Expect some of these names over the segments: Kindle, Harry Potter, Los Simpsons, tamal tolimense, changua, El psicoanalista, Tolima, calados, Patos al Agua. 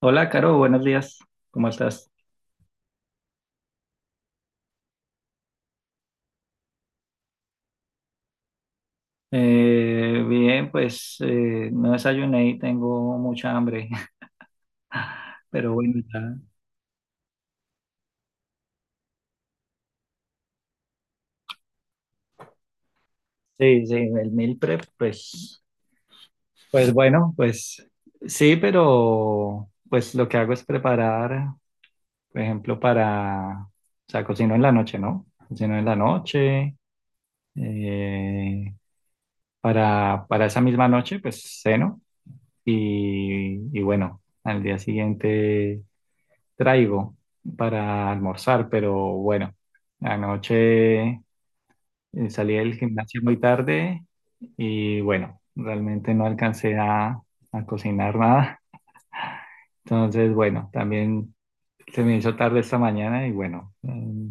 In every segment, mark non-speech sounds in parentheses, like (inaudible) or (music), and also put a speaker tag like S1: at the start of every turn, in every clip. S1: Hola, Caro, buenos días. ¿Cómo estás? Bien, pues no desayuné y tengo mucha hambre, (laughs) pero bueno, ya. Sí, sí, el meal prep, pues, pues bueno, pues sí, pero pues lo que hago es preparar, por ejemplo, para, o sea, cocino en la noche, ¿no? Cocino en la noche, eh, para esa misma noche, pues ceno y bueno, al día siguiente traigo para almorzar, pero bueno, anoche salí del gimnasio muy tarde y bueno, realmente no alcancé a cocinar nada. Entonces, bueno, también se me hizo tarde esta mañana y bueno,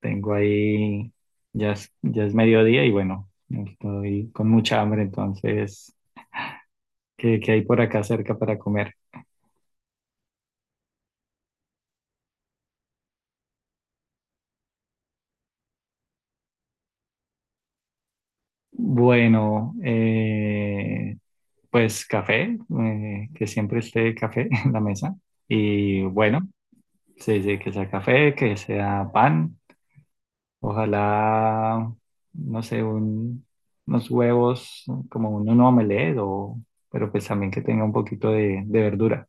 S1: tengo ahí, ya es mediodía y bueno, estoy con mucha hambre, entonces, ¿qué hay por acá cerca para comer? Bueno, pues café, que siempre esté café (laughs) en la mesa. Y bueno, sí, sí, que sea café, que sea pan, ojalá, no sé, unos huevos, como un omelette, o, pero pues también que tenga un poquito de verdura.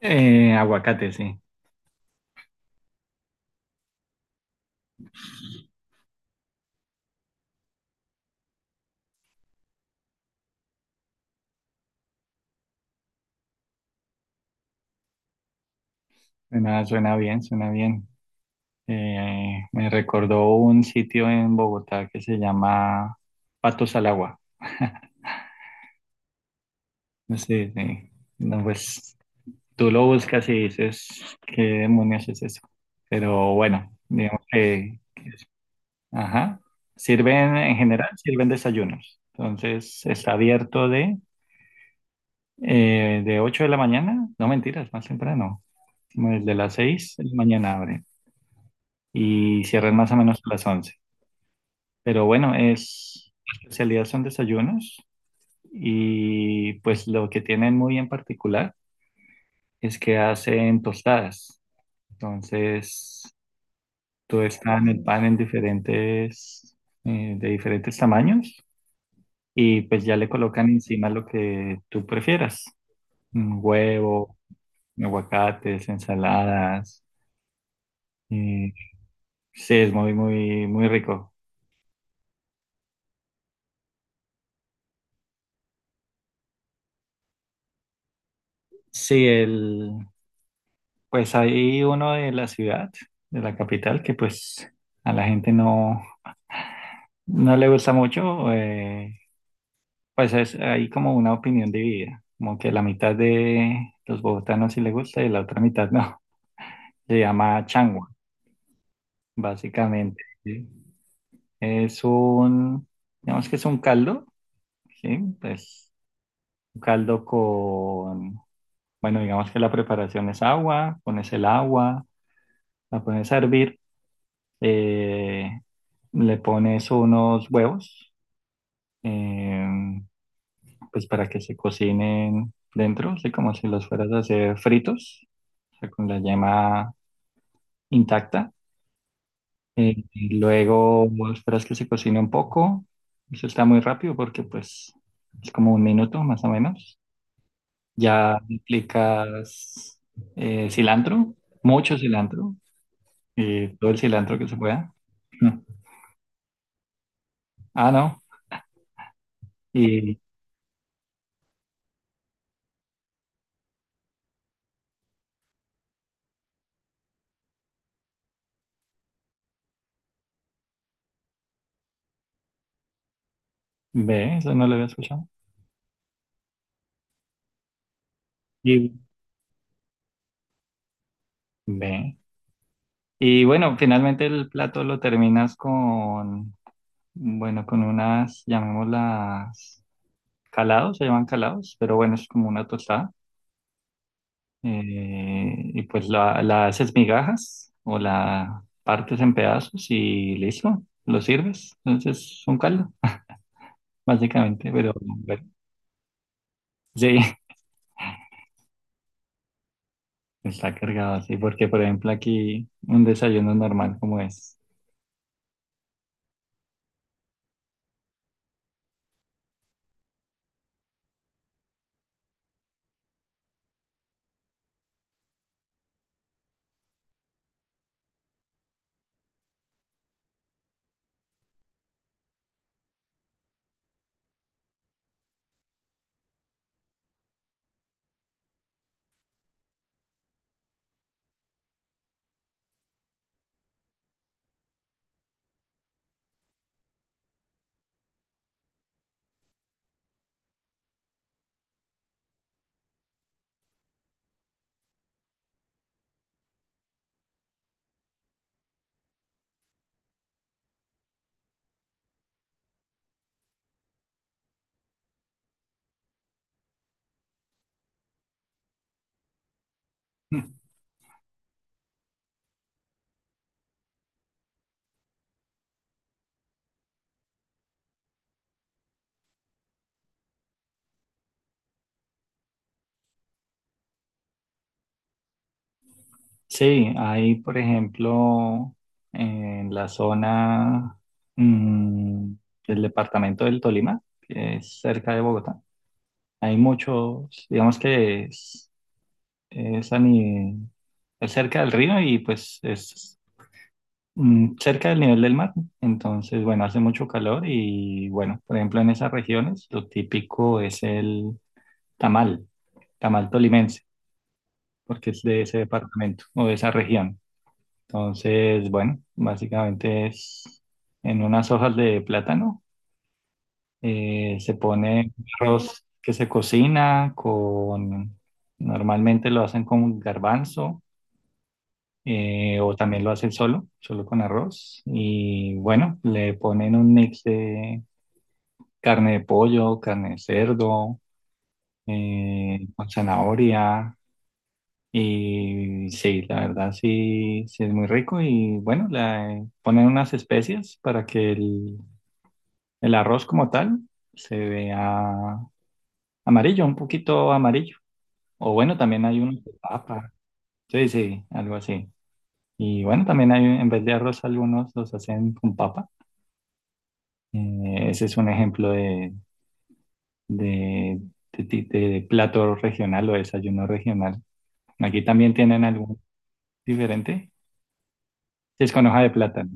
S1: Aguacate, sí. Suena, suena bien, suena bien. Me recordó un sitio en Bogotá que se llama Patos al Agua. (laughs) No, sí. No, pues tú lo buscas y dices, ¿qué demonios es eso? Pero bueno, digamos que, ajá, sirven en general, sirven desayunos. Entonces está abierto de 8 de la mañana, no mentiras, más temprano, como desde las 6 de la mañana abre y cierran más o menos a las once. Pero bueno, es, la especialidad son desayunos y pues lo que tienen muy en particular es que hacen tostadas. Entonces, todo está en el pan en diferentes, de diferentes tamaños y pues ya le colocan encima lo que tú prefieras. Un huevo, aguacates, ensaladas. eh, sí, es muy, muy, muy rico. Sí, el, pues hay uno de la ciudad, de la capital, que pues a la gente no, no le gusta mucho. Pues es, hay como una opinión dividida, como que la mitad de los bogotanos sí le gusta y la otra mitad no. Se llama changua, básicamente. ¿Sí? Es un, digamos que es un caldo, ¿sí? Pues un caldo con, bueno, digamos que la preparación es agua, pones el agua, la pones a hervir, eh, le pones unos huevos, eh, pues para que se cocinen dentro, ¿sí? Como si los fueras a hacer fritos, o sea, con la yema intacta. Y luego esperas que se cocine un poco. Eso está muy rápido porque pues es como un minuto más o menos. Ya aplicas cilantro, mucho cilantro, todo el cilantro que se pueda. Mm. Ah, no. Y Ve, eso no lo había escuchado. Y Ve. Y bueno, finalmente el plato lo terminas con, bueno, con unas, llamadas calados, se llaman calados, pero bueno, es como una tostada y pues la haces migajas o la partes en pedazos y listo, lo sirves. Entonces es un caldo, básicamente, pero bueno, sí, (laughs) está cargado así, porque por ejemplo aquí un desayuno normal como es. (laughs) Sí, hay por ejemplo en la zona mm, del departamento del Tolima, que es cerca de Bogotá, hay muchos, digamos que es a ni- es cerca del río y pues es cerca del nivel del mar. Entonces, bueno, hace mucho calor y bueno, por ejemplo, en esas regiones lo típico es el tamal, tamal tolimense, porque es de ese departamento o de esa región. Entonces, bueno, básicamente es en unas hojas de plátano, se pone arroz que se cocina con, normalmente lo hacen con garbanzo o también lo hacen solo, solo con arroz. Y bueno, le ponen un mix de carne de pollo, carne de cerdo, con zanahoria. Y sí, la verdad sí, sí es muy rico. Y bueno, le ponen unas especias para que el arroz como tal se vea amarillo, un poquito amarillo. O bueno, también hay unos de papa. Sí, sí, algo así. Y bueno, también hay, en vez de arroz, algunos los hacen con papa. Ese es un ejemplo de, de plato regional o desayuno regional. Aquí también tienen algo diferente. Sí, es con hoja de plátano.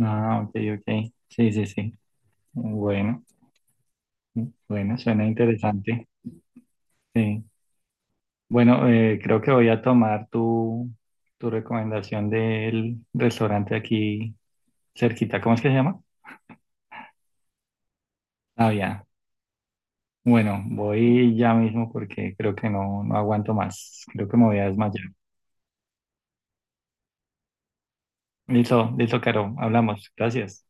S1: Ah, ok, ok. Sí, sí, sí. Bueno, bueno, suena interesante. Sí. Bueno, creo que voy a tomar tu, tu recomendación del restaurante aquí cerquita. ¿Cómo es que se llama? Ah, ya. Bueno, voy ya mismo porque creo que no, no aguanto más. Creo que me voy a desmayar. Listo, listo, Caro. Hablamos. Gracias.